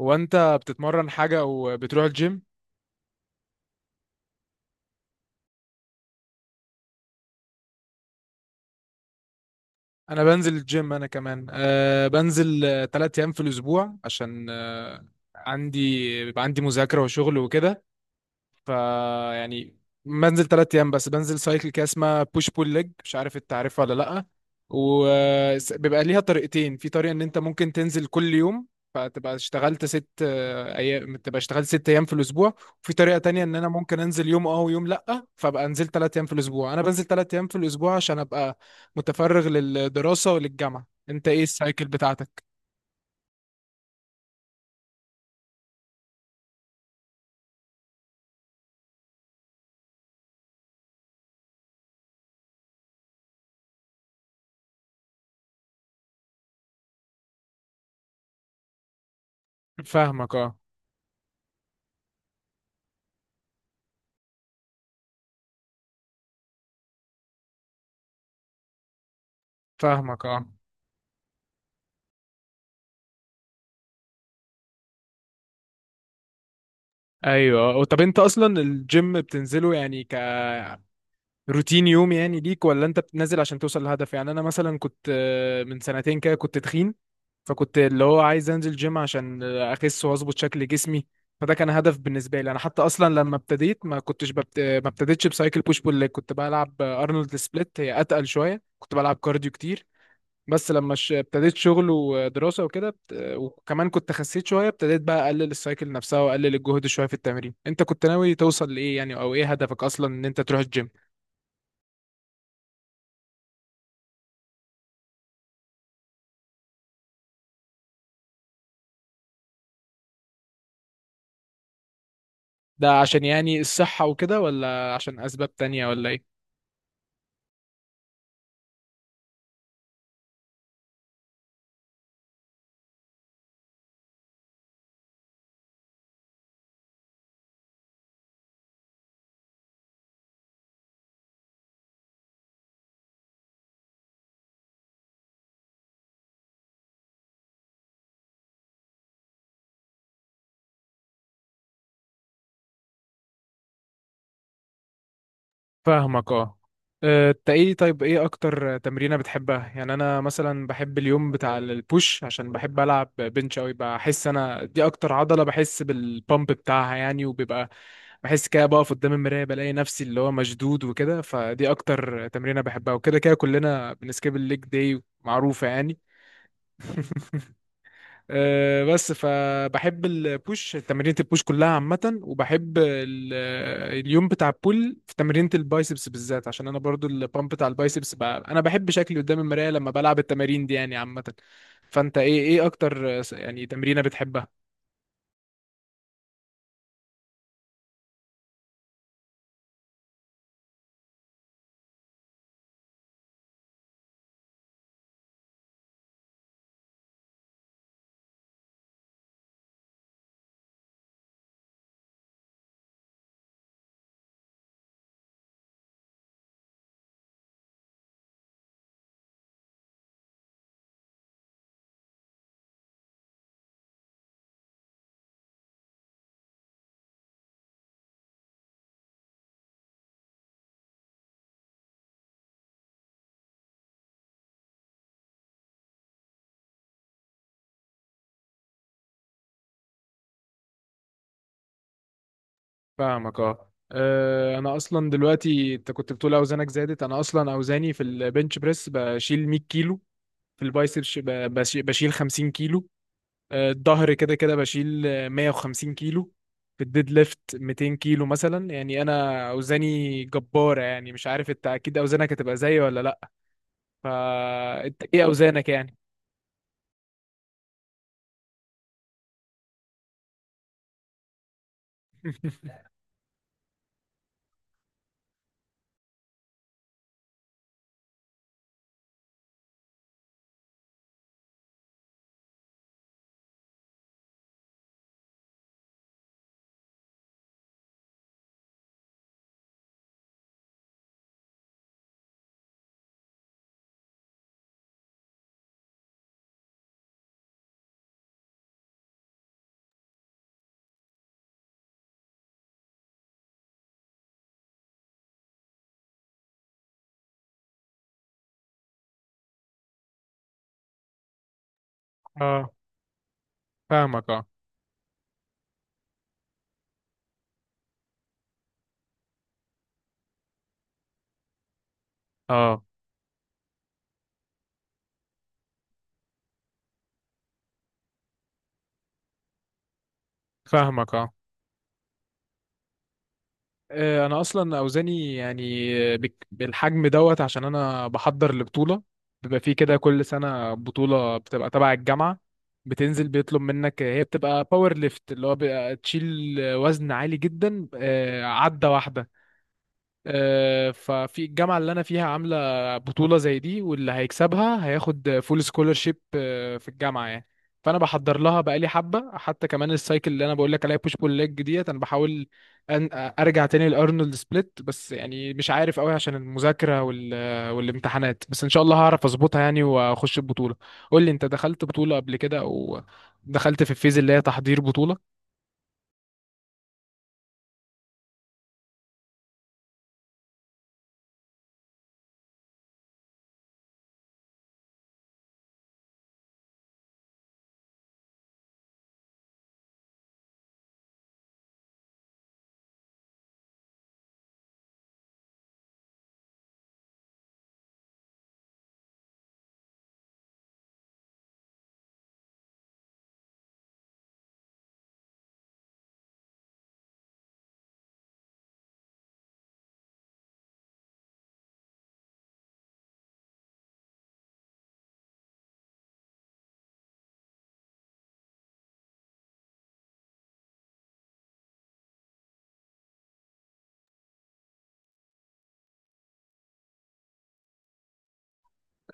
هو انت بتتمرن حاجة او بتروح الجيم؟ انا بنزل الجيم. انا كمان بنزل 3 ايام في الاسبوع عشان أه عندي بيبقى عندي مذاكرة وشغل وكده. فيعني بنزل 3 ايام، بس بنزل سايكل كده اسمها بوش بول ليج. مش عارف انت عارفها ولا لا؟ وبيبقى ليها طريقتين. في طريقه ان انت ممكن تنزل كل يوم، فتبقى اشتغلت ست آه، ايام تبقى اشتغلت 6 ايام في الاسبوع. وفي طريقه تانية ان انا ممكن انزل يوم ويوم لا، فبقى انزل 3 ايام في الاسبوع. انا بنزل 3 ايام في الاسبوع عشان ابقى متفرغ للدراسه وللجامعه. انت ايه السايكل بتاعتك؟ فاهمك، اه. فاهمك، اه. ايوه، طب انت اصلا الجيم بتنزله يعني ك روتين يوم يعني ليك، ولا انت بتنزل عشان توصل لهدف؟ يعني انا مثلا كنت من سنتين كده كنت تخين، فكنت اللي هو عايز انزل جيم عشان اخس واظبط شكل جسمي. فده كان هدف بالنسبه لي انا. حتى اصلا لما ابتديت ما كنتش ببت... ما ابتديتش بسايكل بوش بول ليج، كنت بلعب ارنولد سبليت. هي اتقل شويه، كنت بلعب كارديو كتير. بس لما ابتديت شغل ودراسه وكده وكمان كنت خسيت شويه، ابتديت بقى اقلل السايكل نفسها واقلل الجهد شويه في التمرين. انت كنت ناوي توصل لايه يعني، او ايه هدفك اصلا ان انت تروح الجيم؟ ده عشان يعني الصحة وكده، ولا عشان أسباب تانية، ولا إيه؟ فاهمك، اه. انت ايه؟ طيب ايه اكتر تمرينة بتحبها؟ يعني انا مثلا بحب اليوم بتاع البوش عشان بحب العب بنش اوي. بحس انا دي اكتر عضلة بحس بالبامب بتاعها يعني. وبيبقى بحس كده بقف قدام المراية بلاقي نفسي اللي هو مشدود وكده. فدي اكتر تمرينة بحبها. وكده كده كلنا بنسكيب الليج داي، معروفة يعني. بس فبحب البوش، تمرينة البوش كلها عامة، وبحب اليوم بتاع البول، في تمرينة البايسبس بالذات عشان انا برضو البامب بتاع البايسبس بقى. انا بحب شكلي قدام المراية لما بلعب التمارين دي يعني عامة. فانت ايه اكتر يعني تمرينة بتحبها؟ فاهمك، اه. انا اصلا دلوقتي، انت كنت بتقول اوزانك زادت، انا اصلا اوزاني في البنش بريس بشيل 100 كيلو. في البايسبس بشيل 50 كيلو. الظهر كده كده بشيل 150 كيلو. في الديد ليفت 200 كيلو مثلا يعني. انا اوزاني جبارة يعني. مش عارف انت اكيد اوزانك هتبقى زيي ولا لا. فانت ايه اوزانك يعني؟ اه، فاهمك، اه. اه، فاهمك، اه. انا اصلا اوزاني يعني بالحجم دوت عشان انا بحضر لبطوله. بيبقى في كده كل سنه بطوله بتبقى تبع الجامعه، بتنزل بيطلب منك. هي بتبقى باور ليفت اللي هو بيبقى تشيل وزن عالي جدا عدة واحده. ففي الجامعة اللي أنا فيها عاملة بطولة زي دي، واللي هيكسبها هياخد فول سكولرشيب في الجامعة يعني. فأنا بحضر لها بقالي حبة. حتى كمان السايكل اللي أنا بقول لك عليها بوش بول ليج ديت، أنا بحاول أن أرجع تاني لأرنولد سبليت. بس يعني مش عارف أوي عشان المذاكرة وال... والامتحانات. بس إن شاء الله هعرف أظبطها يعني وأخش البطولة. قول لي أنت، دخلت بطولة قبل كده، أو دخلت في الفيز اللي هي تحضير بطولة؟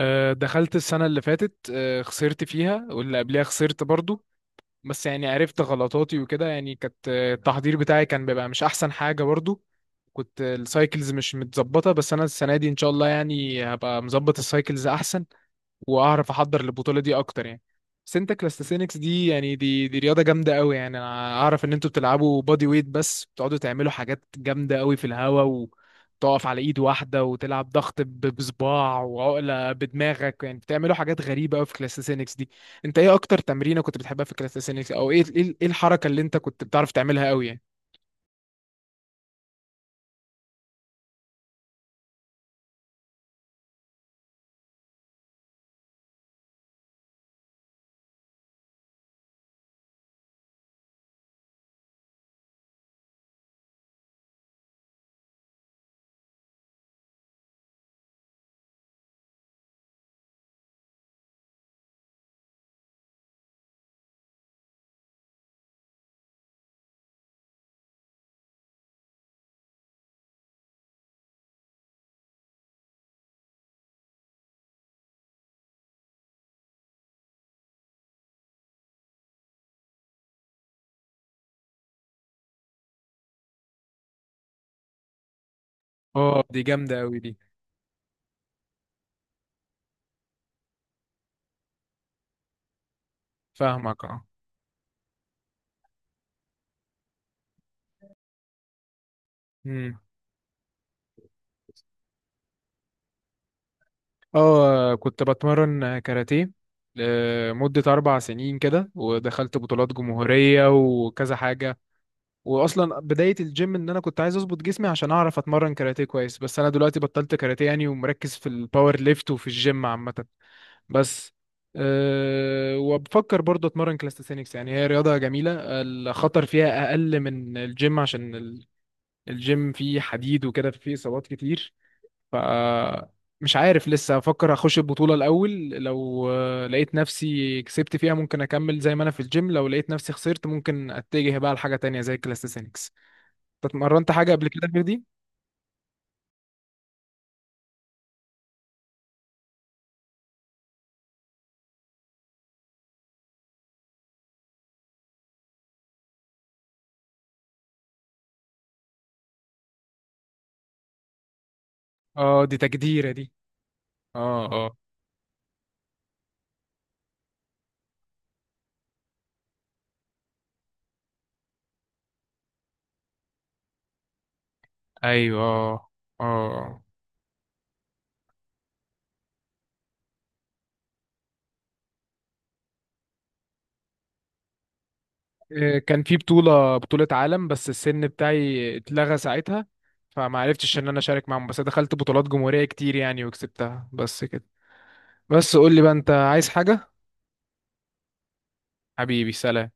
دخلت السنة اللي فاتت، خسرت فيها واللي قبلها خسرت برضو. بس يعني عرفت غلطاتي وكده يعني. كانت التحضير بتاعي كان بيبقى مش احسن حاجة برضو، كنت السايكلز مش متظبطة. بس انا السنة دي ان شاء الله يعني هبقى مظبط السايكلز احسن واعرف احضر البطوله دي اكتر يعني. بس انت كلاستسينكس دي يعني، دي دي رياضه جامده قوي يعني. انا اعرف ان انتوا بتلعبوا بادي ويت بس بتقعدوا تعملوا حاجات جامده قوي في الهواء، وتقف على ايد واحده وتلعب ضغط بصباع، وعقله بدماغك يعني، بتعملوا حاجات غريبه قوي في كلاستسينكس دي. انت ايه اكتر تمرينه كنت بتحبها في كلاستسينكس؟ او ايه ايه إيه الحركه اللي انت كنت بتعرف تعملها قوي يعني؟ اه، دي جامده قوي دي. فاهمك، اه. اه، كنت بتمرن كاراتيه لمدة 4 سنين كده، ودخلت بطولات جمهورية وكذا حاجة. وأصلا بداية الجيم إن أنا كنت عايز أظبط جسمي عشان أعرف أتمرن كاراتيه كويس. بس أنا دلوقتي بطلت كاراتيه يعني، ومركز في الباور ليفت وفي الجيم عامة. بس وبفكر برضه أتمرن كلاستيسينكس يعني. هي رياضة جميلة، الخطر فيها أقل من الجيم عشان الجيم فيه حديد وكده، فيه إصابات كتير. فمش عارف لسه، افكر اخش البطولة الاول. لو لقيت نفسي كسبت فيها ممكن اكمل زي ما انا في الجيم، لو لقيت نفسي خسرت ممكن اتجه بقى لحاجة تانية زي الكلاستيسينكس. أنت اتمرنت حاجة قبل كده غير دي؟ اه، دي تجديرة دي. اه. اه. ايوه، اه. اه، كان في بطولة عالم بس السن بتاعي اتلغى ساعتها فما عرفتش ان انا اشارك معاهم. بس دخلت بطولات جمهورية كتير يعني وكسبتها، بس كده. بس قول لي بقى، انت عايز حاجة؟ حبيبي، سلام.